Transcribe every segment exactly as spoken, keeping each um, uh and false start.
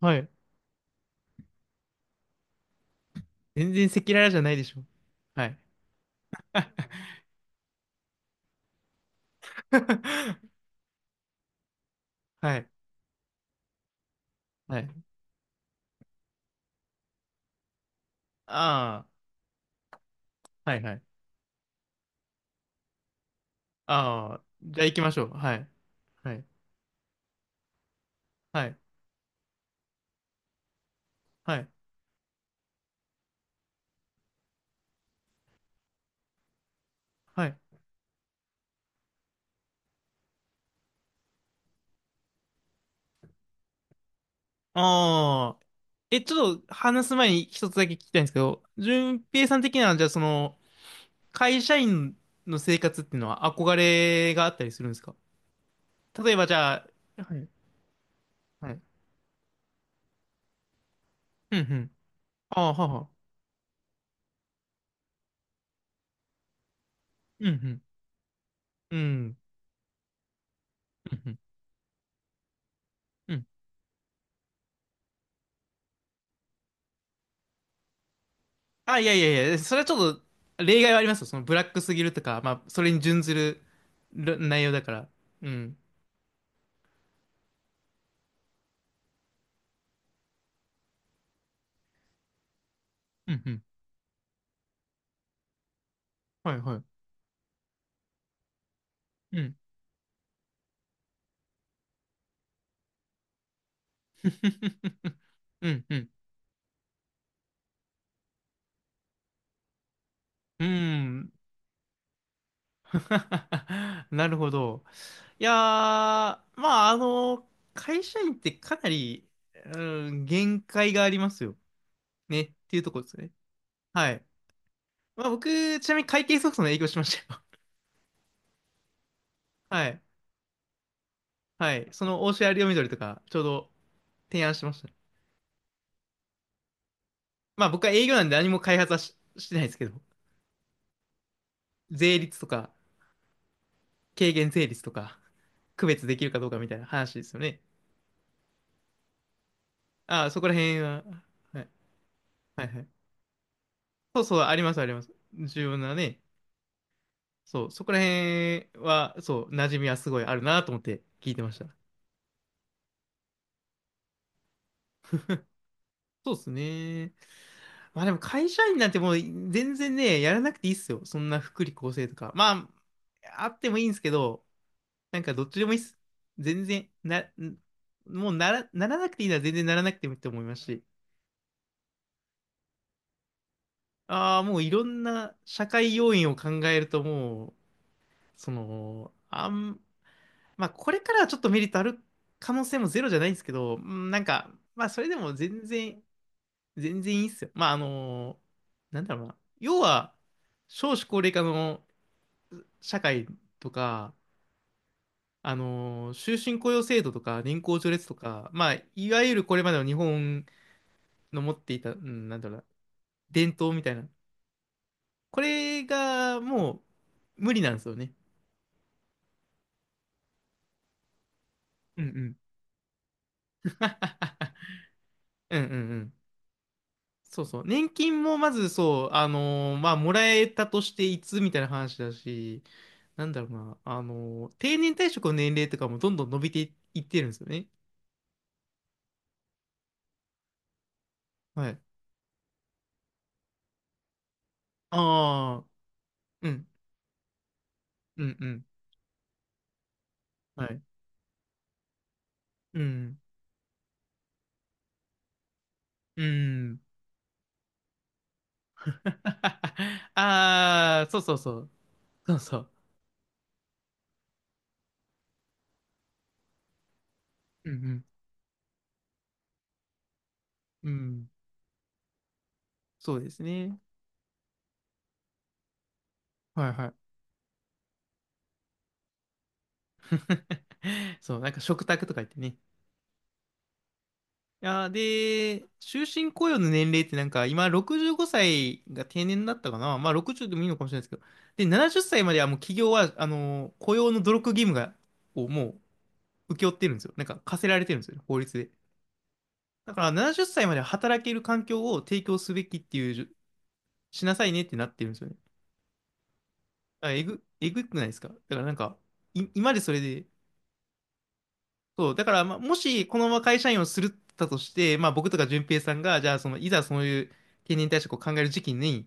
はい。全然赤裸々じゃないでしょ。はい。はい。はい。ああ、はいはい。ああ、じゃあ行きましょう。はい。はい。はい。はい。はい。ああ、え、ちょっと話す前に一つだけ聞きたいんですけど、順平さん的には、じゃあその、会社員の生活っていうのは憧れがあったりするんですか？例えばじゃあ、はい。はい。うんうん。ああ、はは。うんうん。うん。うんうん。あ、いやいやいや、それはちょっと例外はありますよ。そのブラックすぎるとか、まあ、それに準ずるる内容だから。うん。うんうん。はいはい。うん。うんうん。うん。なるほど。いやー、まあ、あの、会社員ってかなり、うん、限界がありますよ。ね。っていうところですね。はい。まあ、僕、ちなみに会計ソフトの営業しましたよ。はい。はい。その、オーシャンアリオミドルとか、ちょうど提案してましたね。まあ僕は営業なんで何も開発はし、してないですけど、税率とか、軽減税率とか、区別できるかどうかみたいな話ですよね。ああ、そこら辺は、はい、はい、はい。そうそう、あります、あります。重要なね、そう、そこら辺は、そう、馴染みはすごいあるなと思って聞いてました。そうですね。まあでも会社員なんてもう全然ね、やらなくていいっすよ。そんな福利厚生とか。まあ、あってもいいんですけど、なんかどっちでもいいっす。全然、な、んもうなら、ならなくていいなら全然ならなくてもいいと思いますし。ああ、もういろんな社会要因を考えるともう、その、あん、まあこれからはちょっとメリットある可能性もゼロじゃないんですけど、うんなんか、まあそれでも全然、全然いいっすよ。まああの、なんだろうな。要は、少子高齢化の社会とか、あの、終身雇用制度とか、年功序列とか、まあ、いわゆるこれまでの日本の持っていた、うん、なんだろうな、伝統みたいな。これがもう無理なんですよね。うんうん。うんうんうん。そうそう。年金もまずそう、あのーまあ、もらえたとしていつみたいな話だし、なんだろうな、あのー定年退職の年齢とかもどんどん伸びていいってるんですよね。はい。ああ、うん、うん、うん。はい。うん、うん。ああ、そうそうそう。そうそう。うん、うん、うん。そうですね。はいはい。そう、なんか食卓とか言ってね。いやー、で、終身雇用の年齢ってなんか今ろくじゅうごさいが定年だったかな。まあろくじゅうでもいいのかもしれないですけど。で、ななじゅっさいまではもう企業は、あのー雇用の努力義務が、をもう請け負ってるんですよ。なんか課せられてるんですよね、法律で。だからななじゅっさいまでは働ける環境を提供すべきっていうじゅ、しなさいねってなってるんですよね。だからえぐ、えぐくないですか？だからなんか、い、今までそれで、そう、だから、まあ、もしこのまま会社員をするったとして、まあ、僕とか淳平さんが、じゃあ、その、いざそういう定年退職を考える時期に、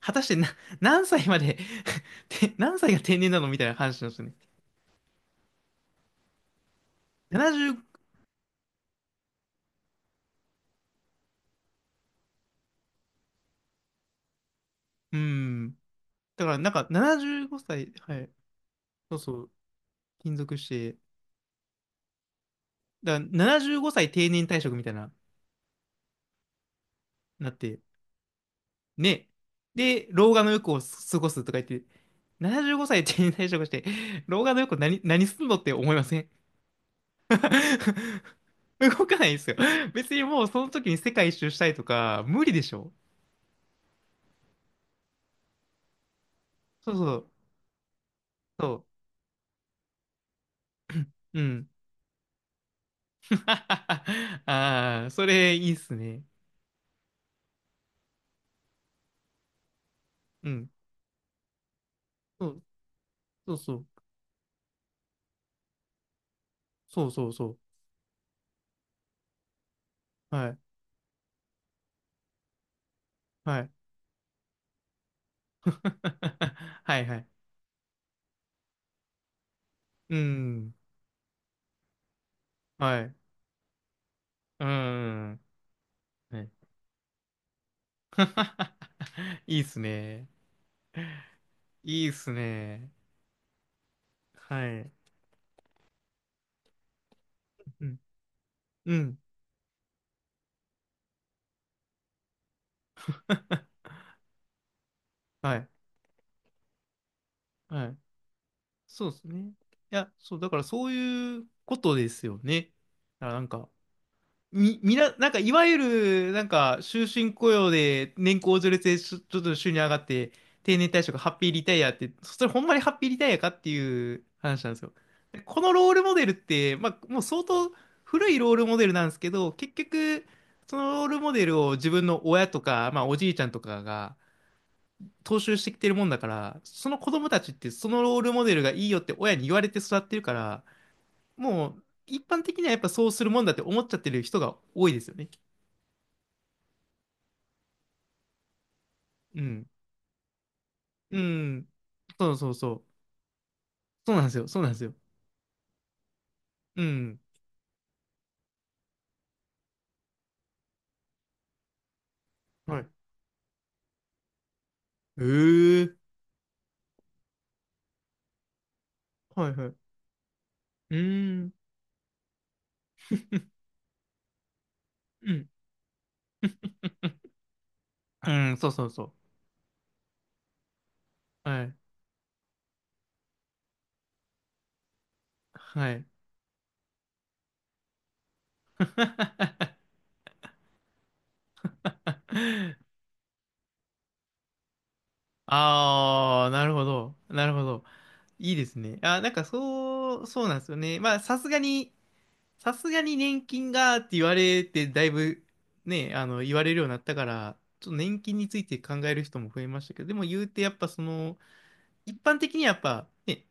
果たしてな、何歳まで て何歳が定年なのみたいな話なんですよね。ななじゅう、うん。だから、なんか、ななじゅうごさい、はい。そうそう、勤続して、だからななじゅうごさい定年退職みたいな、なって、ね。で、老眼の欲を過ごすとか言って、ななじゅうごさい定年退職して、老眼の欲何、何すんのって思いません？ 動かないんですよ。別にもうその時に世界一周したいとか、無理でしょ。そうそう。そう。うん。ああ、それいいっすね。うん。そうそうそう。そうそうそう。はい。はい。はいはい。うん。はい。うん。はい。いいっすね。いいっすね。はい。うん。うん。はい。はい。そうですね。いや、そう、だからそういうことですよね。だからなんか、み、みな、なんかいわゆる、なんか終身雇用で年功序列でちょ、ちょっと収入上がって、定年退職、ハッピーリタイアって、それほんまにハッピーリタイアかっていう話なんですよ。でこのロールモデルって、まあ、もう相当古いロールモデルなんですけど、結局、そのロールモデルを自分の親とか、まあ、おじいちゃんとかが、踏襲してきてるもんだから、その子供たちってそのロールモデルがいいよって親に言われて育ってるから、もう一般的にはやっぱそうするもんだって思っちゃってる人が多いですよね。うん。うん。そうそうそう。そうなんですよ。そうなんですよ。うん。はい。えー。はいはい。うーん。うん。うん、そうそうそう。はい。はい。ああ、なるほど。なるほど。いいですね。あ、なんかそう、そうなんですよね。まあ、さすがに、さすがに年金がって言われて、だいぶね、あの、言われるようになったから、ちょっと年金について考える人も増えましたけど、でも言うてやっぱその、一般的にはやっぱね、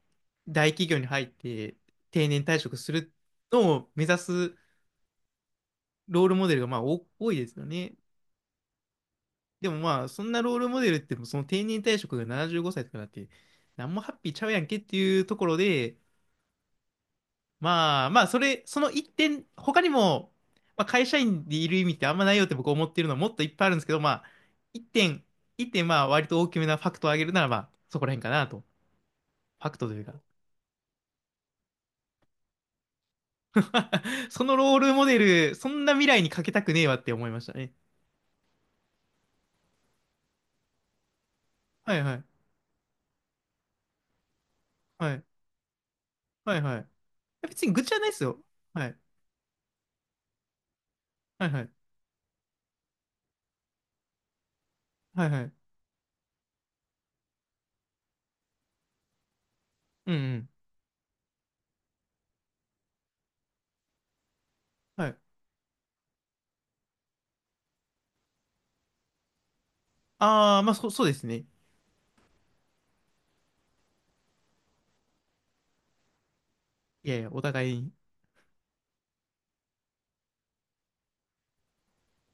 大企業に入って定年退職するのを目指すロールモデルがまあお多いですよね。でもまあ、そんなロールモデルってもその定年退職がななじゅうごさいとかだって、なんもハッピーちゃうやんけっていうところで、まあまあ、それ、その一点、他にも、まあ、会社員でいる意味ってあんまないよって僕思ってるのはもっといっぱいあるんですけど、まあ、一点、一点、まあ、割と大きめなファクトを挙げるなら、まあ、そこら辺かなと。ファクトというか。そのロールモデル、そんな未来にかけたくねえわって思いましたね。はいはい。はい。はいはい。いや別に愚痴はないですよ。はい。はいはい。はいはい。うんうん。はい。ああ、まあそ、そうですね。いやいや、お互いに。